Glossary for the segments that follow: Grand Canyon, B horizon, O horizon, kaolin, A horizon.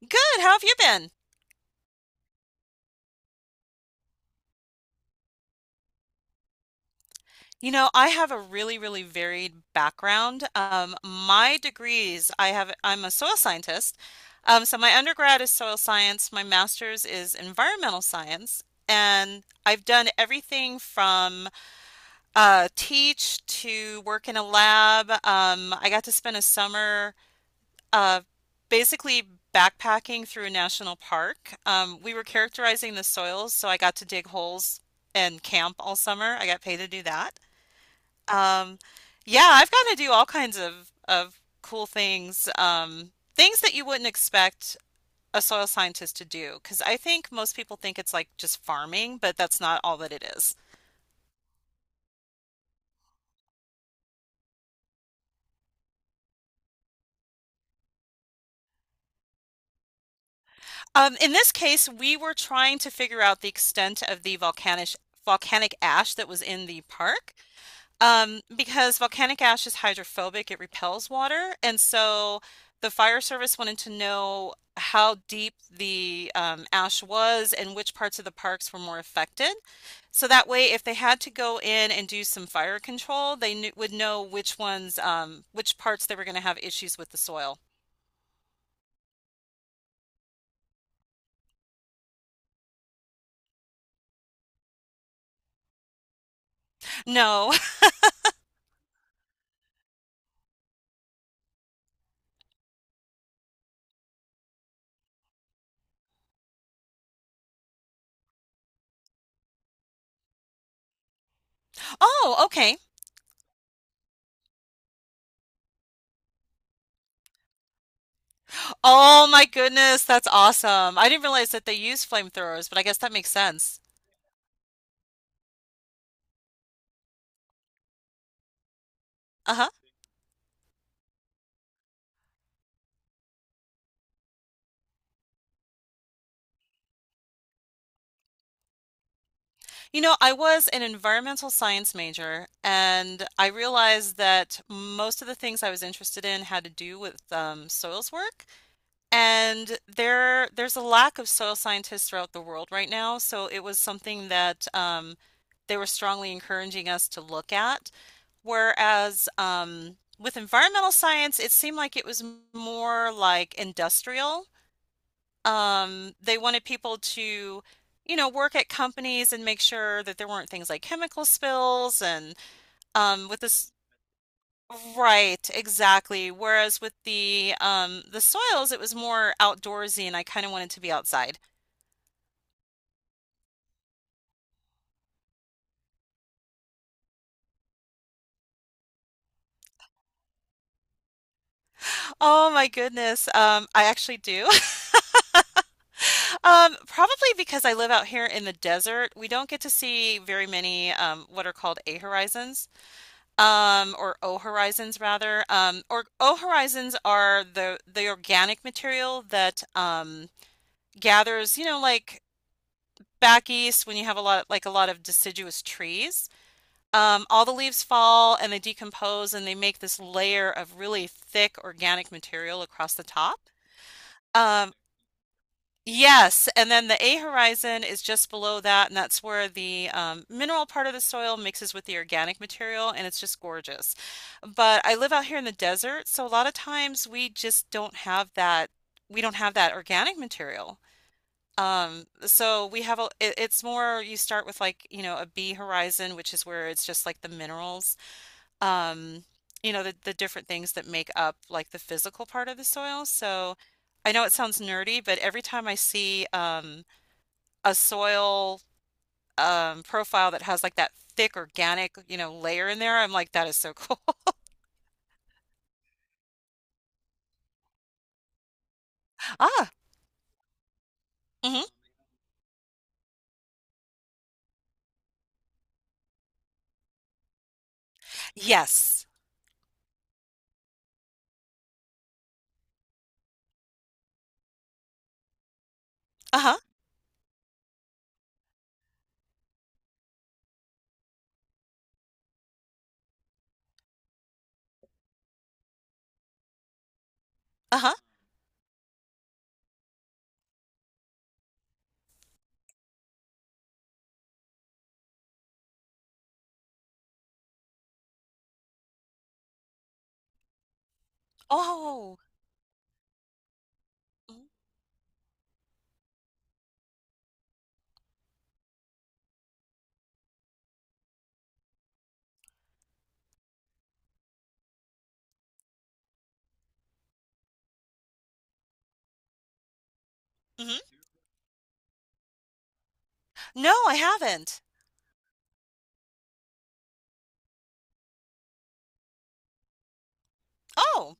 Good. How have you been? You know, I have a really, really varied background. My degrees, I'm a soil scientist. So my undergrad is soil science, my master's is environmental science, and I've done everything from teach to work in a lab. I got to spend a summer uh, basically backpacking through a national park. We were characterizing the soils, so I got to dig holes and camp all summer. I got paid to do that. Um, yeah, I've got to do all kinds of cool things, things that you wouldn't expect a soil scientist to do, because I think most people think it's like just farming, but that's not all that it is. In this case, we were trying to figure out the extent of the volcanic ash that was in the park. Because volcanic ash is hydrophobic, it repels water, and so the fire service wanted to know how deep the ash was and which parts of the parks were more affected. So that way, if they had to go in and do some fire control, would know which ones, which parts they were going to have issues with the soil. No. Oh, okay. Oh my goodness, that's awesome. I didn't realize that they use flamethrowers, but I guess that makes sense. Uh-huh. You know, I was an environmental science major, and I realized that most of the things I was interested in had to do with soils work. And there's a lack of soil scientists throughout the world right now, so it was something that they were strongly encouraging us to look at. Whereas with environmental science, it seemed like it was more like industrial. They wanted people to, you know, work at companies and make sure that there weren't things like chemical spills and with this, right, exactly. Whereas with the soils, it was more outdoorsy, and I kind of wanted to be outside. Oh my goodness. I actually do. Probably because I live out here in the desert, we don't get to see very many what are called A horizons. Or O Horizons rather. Or O Horizons are the organic material that gathers, you know, like back east when you have a lot of deciduous trees. All the leaves fall and they decompose and they make this layer of really thick organic material across the top. Um, Yes, and then the A horizon is just below that, and that's where the mineral part of the soil mixes with the organic material, and it's just gorgeous. But I live out here in the desert, so a lot of times we just don't have that. We don't have that organic material. So we have a. It, it's more you start with like you know a B horizon, which is where it's just like the minerals um, you know, the different things that make up like the physical part of the soil. So I know it sounds nerdy, but every time I see a soil profile that has like that thick organic, you know, layer in there, I'm like, that is so cool. Ah, hmm. Yes. Uh-huh. Uh-huh. Oh. Mm-hmm. No, I haven't. Oh,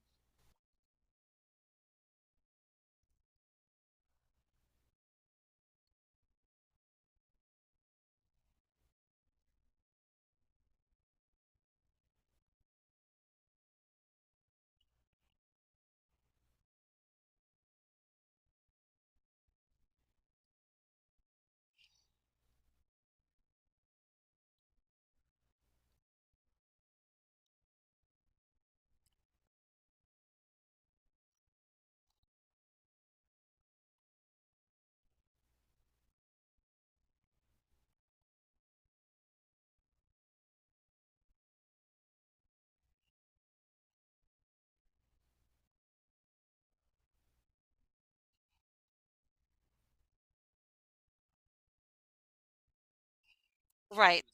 right.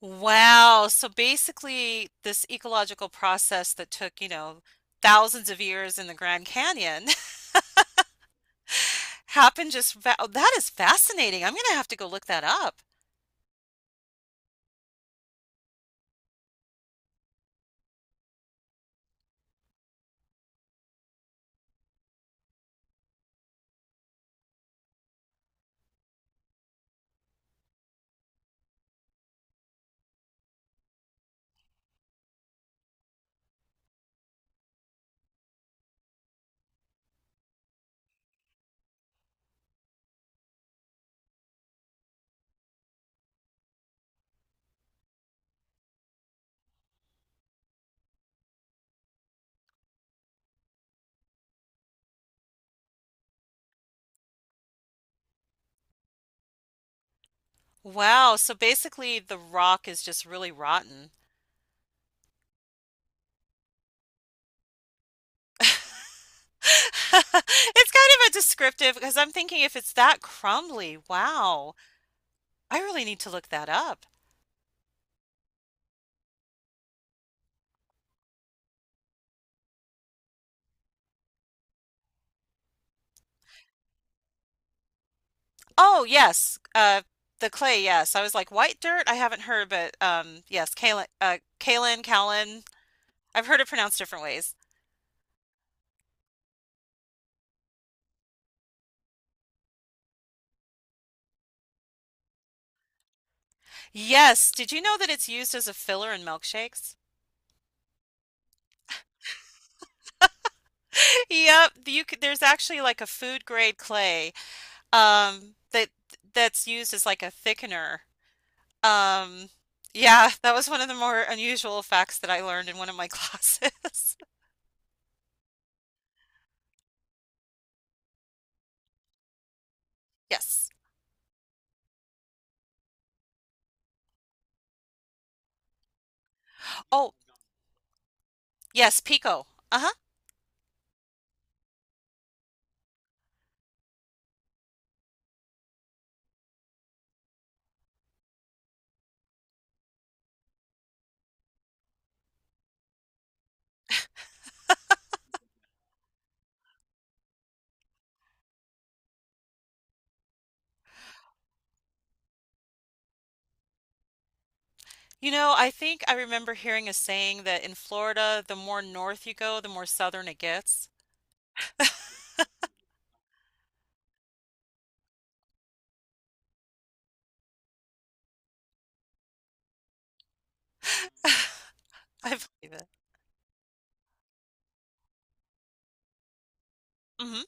Wow. So basically, this ecological process that took, you know, thousands of years in the Grand Canyon happened just fa oh, that is fascinating. I'm gonna have to go look that up. Wow, so basically the rock is just really rotten. It's kind of a descriptive because I'm thinking if it's that crumbly, wow. I really need to look that up. Oh, yes. The clay, yes. I was like white dirt. I haven't heard, but yes, kaolin. I've heard it pronounced different ways. Yes, did you know that it's used as a filler in milkshakes? Yep, you could, there's actually like a food grade clay um that that's used as like a thickener. Um yeah, that was one of the more unusual facts that I learned in one of my classes. Yes. Oh, yes, Pico. Uh-huh. You know, I think I remember hearing a saying that in Florida, the more north you go, the more southern it gets. I believe it. Hmm.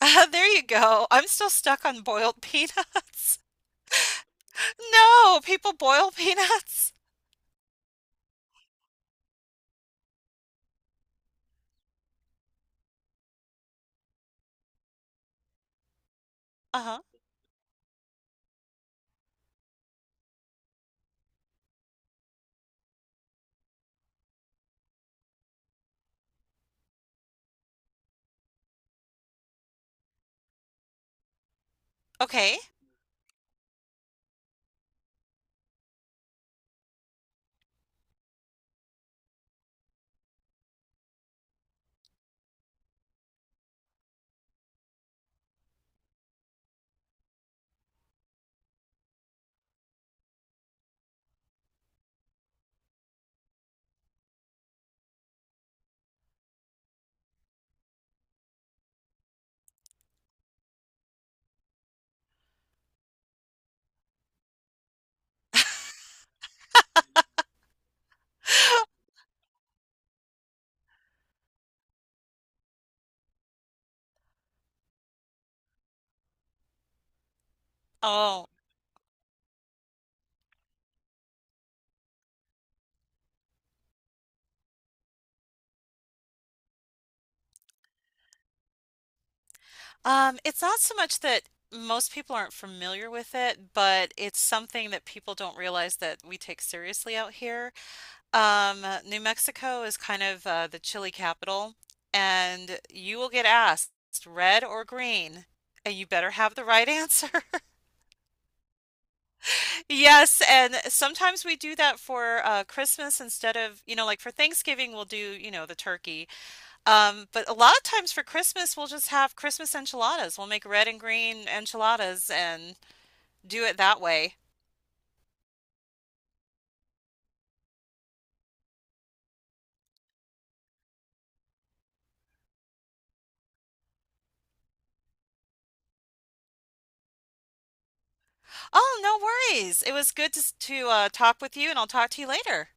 There you go. I'm still stuck on boiled peanuts. No, people boil peanuts. Uh-huh. Okay. Oh. It's not so much that most people aren't familiar with it, but it's something that people don't realize that we take seriously out here. New Mexico is kind of the chili capital, and you will get asked red or green, and you better have the right answer. Yes, and sometimes we do that for Christmas instead of, you know, like for Thanksgiving, we'll do, you know, the turkey. But a lot of times for Christmas, we'll just have Christmas enchiladas. We'll make red and green enchiladas and do it that way. Oh, no worries. It was good to talk with you, and I'll talk to you later.